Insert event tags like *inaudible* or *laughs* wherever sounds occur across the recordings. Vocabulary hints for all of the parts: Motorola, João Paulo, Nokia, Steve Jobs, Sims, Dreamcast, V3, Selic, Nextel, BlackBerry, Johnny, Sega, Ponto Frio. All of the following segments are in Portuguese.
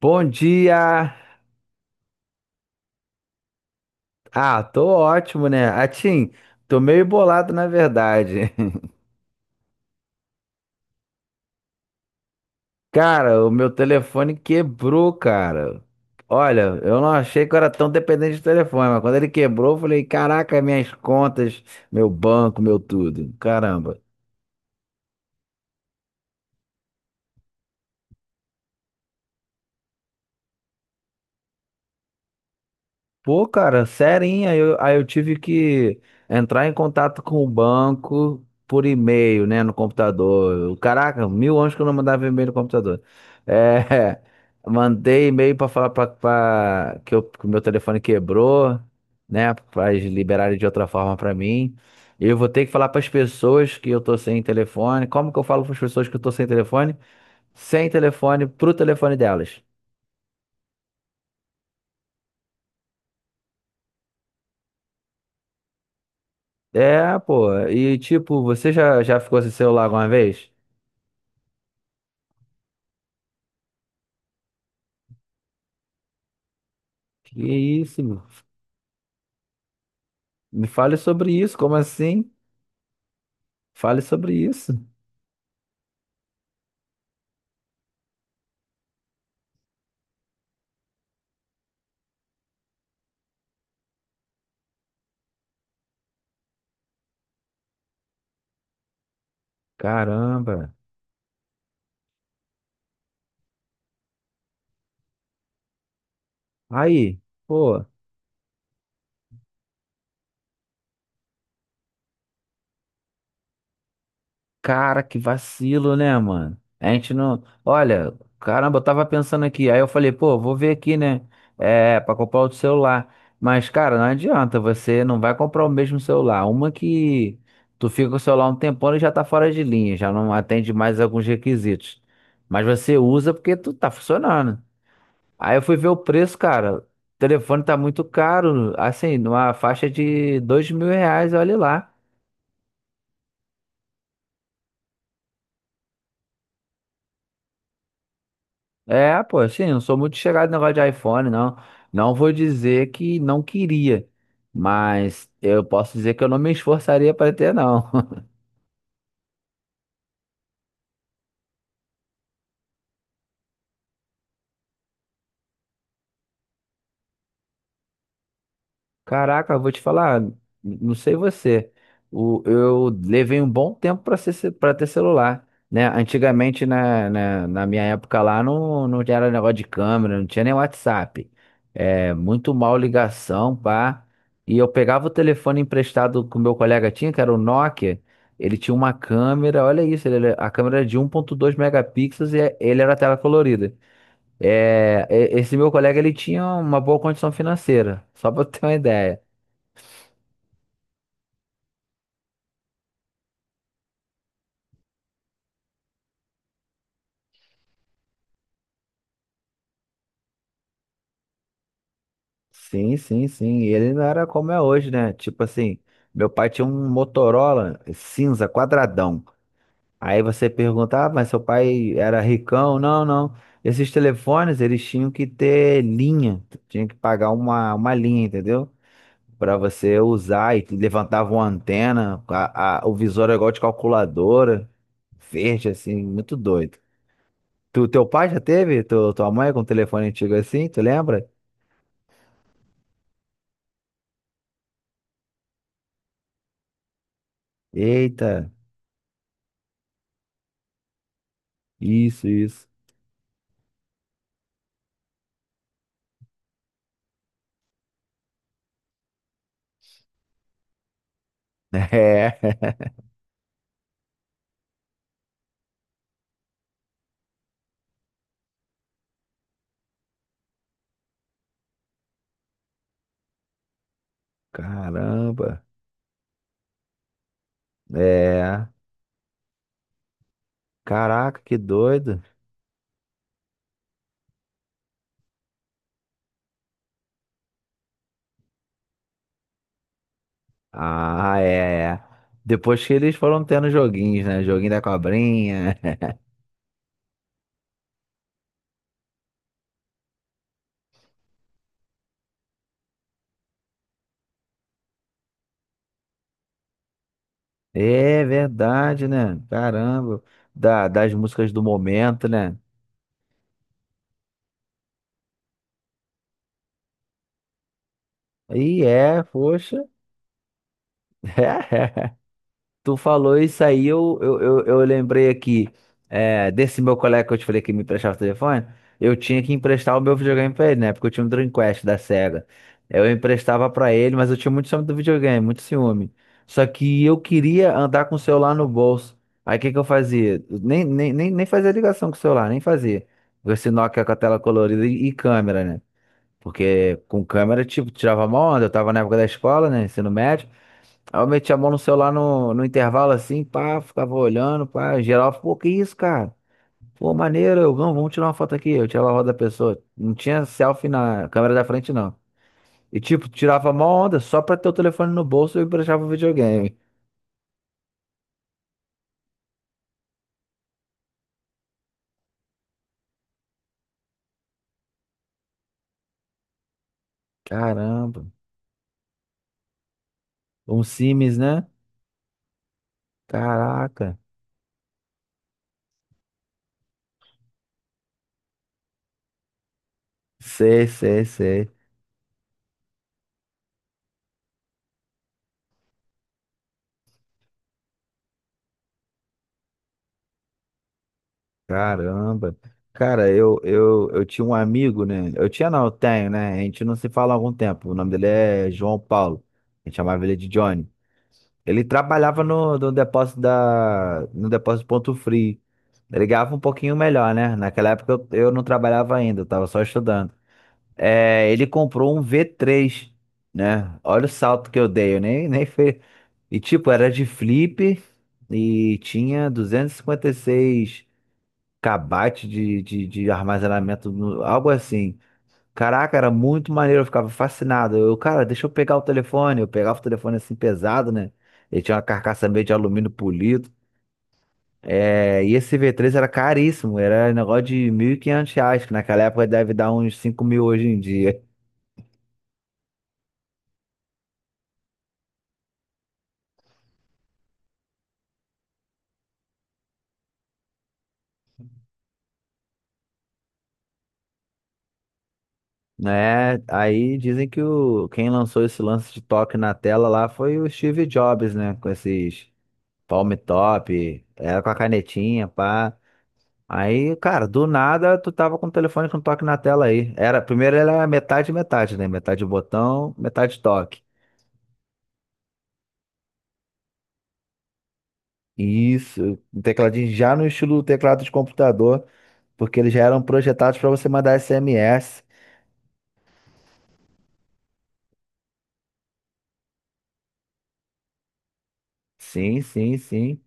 Bom dia! Tô ótimo, né? Atim, tô meio bolado na verdade. *laughs* Cara, o meu telefone quebrou, cara. Olha, eu não achei que eu era tão dependente de telefone, mas quando ele quebrou, eu falei: caraca, minhas contas, meu banco, meu tudo. Caramba. Pô, cara, serinha, aí eu tive que entrar em contato com o banco por e-mail, né, no computador. Caraca, mil anos que eu não mandava e-mail no computador. É, *laughs* mandei e-mail pra falar que, que o meu telefone quebrou, né, pra eles liberarem de outra forma pra mim. E eu vou ter que falar pras pessoas que eu tô sem telefone. Como que eu falo pras pessoas que eu tô sem telefone? Sem telefone pro telefone delas. É, pô. E tipo, você já ficou sem celular alguma vez? Que isso, meu? Me fale sobre isso. Como assim? Fale sobre isso. Caramba. Aí, pô. Cara, que vacilo, né, mano? A gente não. Olha, caramba, eu tava pensando aqui. Aí eu falei, pô, vou ver aqui, né? É, pra comprar outro celular. Mas, cara, não adianta, você não vai comprar o mesmo celular. Uma que tu fica com o celular um tempão e já tá fora de linha, já não atende mais alguns requisitos. Mas você usa porque tu tá funcionando. Aí eu fui ver o preço, cara. O telefone tá muito caro, assim, numa faixa de R$ 2.000, olha lá. É, pô, assim, não sou muito chegado no negócio de iPhone, não. Não vou dizer que não queria, mas eu posso dizer que eu não me esforçaria para ter, não. *laughs* Caraca, eu vou te falar, não sei você, eu levei um bom tempo para ser, para ter celular, né? Antigamente, na minha época lá, não era negócio de câmera, não tinha nem WhatsApp. É, muito mal ligação, pá. E eu pegava o telefone emprestado que o meu colega tinha, que era o Nokia, ele tinha uma câmera, olha isso, ele, a câmera era de 1.2 megapixels e ele era tela colorida. É, esse meu colega, ele tinha uma boa condição financeira, *laughs* só para ter uma ideia. Sim, sim, sim. E ele não era como é hoje, né? Tipo assim, meu pai tinha um Motorola cinza, quadradão. Aí você pergunta, ah, mas seu pai era ricão? Não, não. Esses telefones, eles tinham que ter linha. Tinha que pagar uma linha, entendeu? Pra você usar e levantava uma antena, o visor era igual de calculadora, verde, assim, muito doido. Tu, teu pai já teve? Tu, tua mãe com um telefone antigo assim, tu lembra? Eita, isso, isso. *laughs* É, caramba. É, caraca, que doido. Ah, é, é. Depois que eles foram tendo joguinhos, né? Joguinho da cobrinha. *laughs* É verdade, né? Caramba. Da, das músicas do momento, né? E é, poxa. *laughs* Tu falou isso aí, eu lembrei aqui é, desse meu colega que eu te falei que me emprestava o telefone. Eu tinha que emprestar o meu videogame pra ele, né? Porque eu tinha um Dreamcast da Sega. Eu emprestava pra ele, mas eu tinha muito ciúme do videogame, muito ciúme. Só que eu queria andar com o celular no bolso. Aí o que que eu fazia? Nem fazia ligação com o celular, nem fazia. Esse Nokia com a tela colorida e câmera, né? Porque com câmera, tipo, tirava mó onda. Eu tava na época da escola, né? Ensino médio. Aí eu meti a mão no celular no intervalo assim, pá, ficava olhando, pá, geral, pô, que isso, cara? Pô, maneiro, não, vamos tirar uma foto aqui. Eu tirava a roda da pessoa. Não tinha selfie na câmera da frente, não. E tipo, tirava a onda só pra ter o telefone no bolso e emprestava o videogame. Caramba. Um Sims, né? Caraca. Sei, sei, sei. Caramba. Cara, eu tinha um amigo, né? Eu tinha, não, eu tenho, né? A gente não se fala há algum tempo. O nome dele é João Paulo. A gente chamava ele de Johnny. Ele trabalhava no depósito no depósito Ponto Frio. Ele ganhava um pouquinho melhor, né? Naquela época eu não trabalhava ainda, eu tava só estudando. É, ele comprou um v três, né? Olha o salto que eu dei, eu nem, nem fez. E tipo, era de flip e tinha 256 kbytes de armazenamento, algo assim. Caraca, era muito maneiro, eu ficava fascinado. Eu, cara, deixa eu pegar o telefone. Eu pegava o telefone assim pesado, né? Ele tinha uma carcaça meio de alumínio polido. É, e esse v três era caríssimo, era negócio de R$ 1.500, que naquela época deve dar uns 5.000 hoje em dia. *laughs* Né? Aí dizem que quem lançou esse lance de toque na tela lá foi o Steve Jobs, né? Com esses palm top, era com a canetinha, pá. Aí, cara, do nada tu tava com o telefone com toque na tela aí. Era, primeiro era metade metade, né? Metade botão, metade toque. Isso, um tecladinho já no estilo do teclado de computador, porque eles já eram projetados para você mandar SMS. Sim, sim, sim.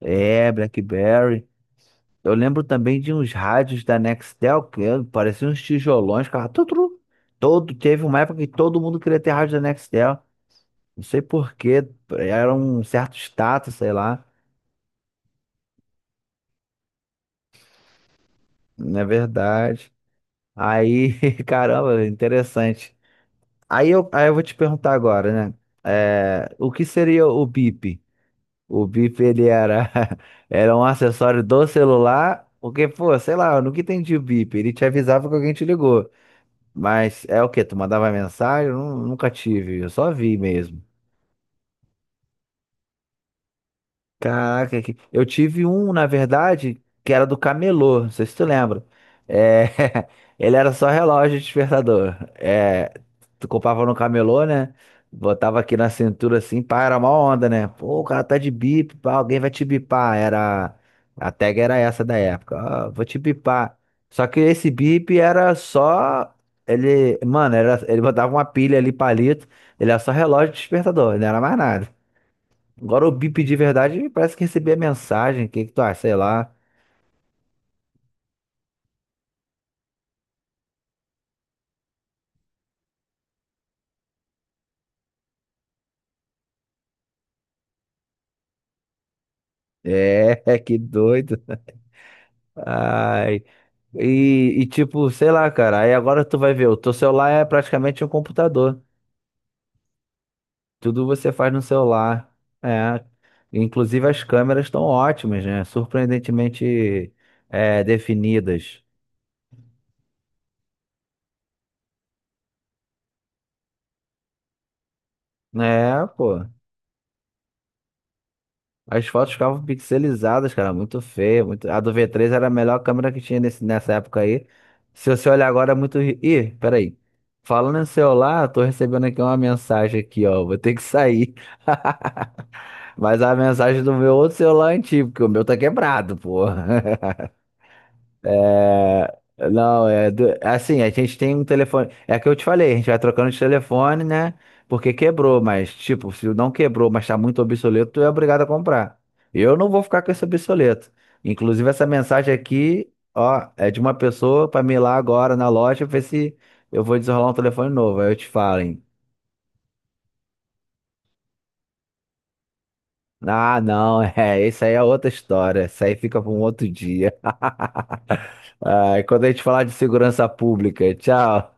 É, BlackBerry. Eu lembro também de uns rádios da Nextel que eh, pareciam uns tijolões, cara. Tu, tu, tu. Todo, teve uma época que todo mundo queria ter rádio da Nextel. Não sei por quê, era um certo status, sei lá. Não é verdade. Aí, *laughs* caramba, interessante. Aí eu vou te perguntar agora, né? É, o que seria o bip? O bip ele era, *laughs* era um acessório do celular, porque, pô, sei lá, eu nunca entendi o bip. Ele te avisava que alguém te ligou. Mas é o quê? Tu mandava mensagem? Eu nunca tive, eu só vi mesmo. Caraca, que- eu tive um, na verdade, que era do camelô, não sei se tu lembra. É, *laughs* ele era só relógio de despertador. É, tu comprava no camelô, né? Botava aqui na cintura assim, pá, era uma onda, né? Pô, o cara tá de bip, pá, alguém vai te bipar. Era, a tag era essa da época. Ah, vou te bipar. Só que esse bip era só, ele, mano, era, ele botava uma pilha ali, palito, ele era só relógio de despertador, não era mais nada. Agora o bip de verdade parece que recebi a mensagem. O que que tu acha? Sei lá. É, *laughs* que doido. Ai. E tipo, sei lá, cara. Aí agora tu vai ver, o teu celular é praticamente um computador. Tudo você faz no celular. É. Inclusive as câmeras estão ótimas, né? Surpreendentemente é, definidas. É, pô. As fotos ficavam pixelizadas, cara, muito feio, muito... A do V3 era a melhor câmera que tinha nessa época aí. Se você olhar agora é muito... Ih, peraí. Falando em celular, eu tô recebendo aqui uma mensagem aqui, ó. Vou ter que sair. *laughs* Mas a mensagem do meu outro celular é antigo, porque o meu tá quebrado, pô. *laughs* É, não, assim, a gente tem um telefone. É que eu te falei, a gente vai trocando de telefone, né? Porque quebrou, mas, tipo, se não quebrou, mas tá muito obsoleto, tu é obrigado a comprar. Eu não vou ficar com esse obsoleto. Inclusive, essa mensagem aqui, ó, é de uma pessoa pra me ir lá agora na loja ver se eu vou desenrolar um telefone novo. Aí eu te falo, hein? Ah, não, *laughs* é, isso aí é outra história. Isso aí fica pra um outro dia. *laughs* Ah, e quando a gente falar de segurança pública, tchau.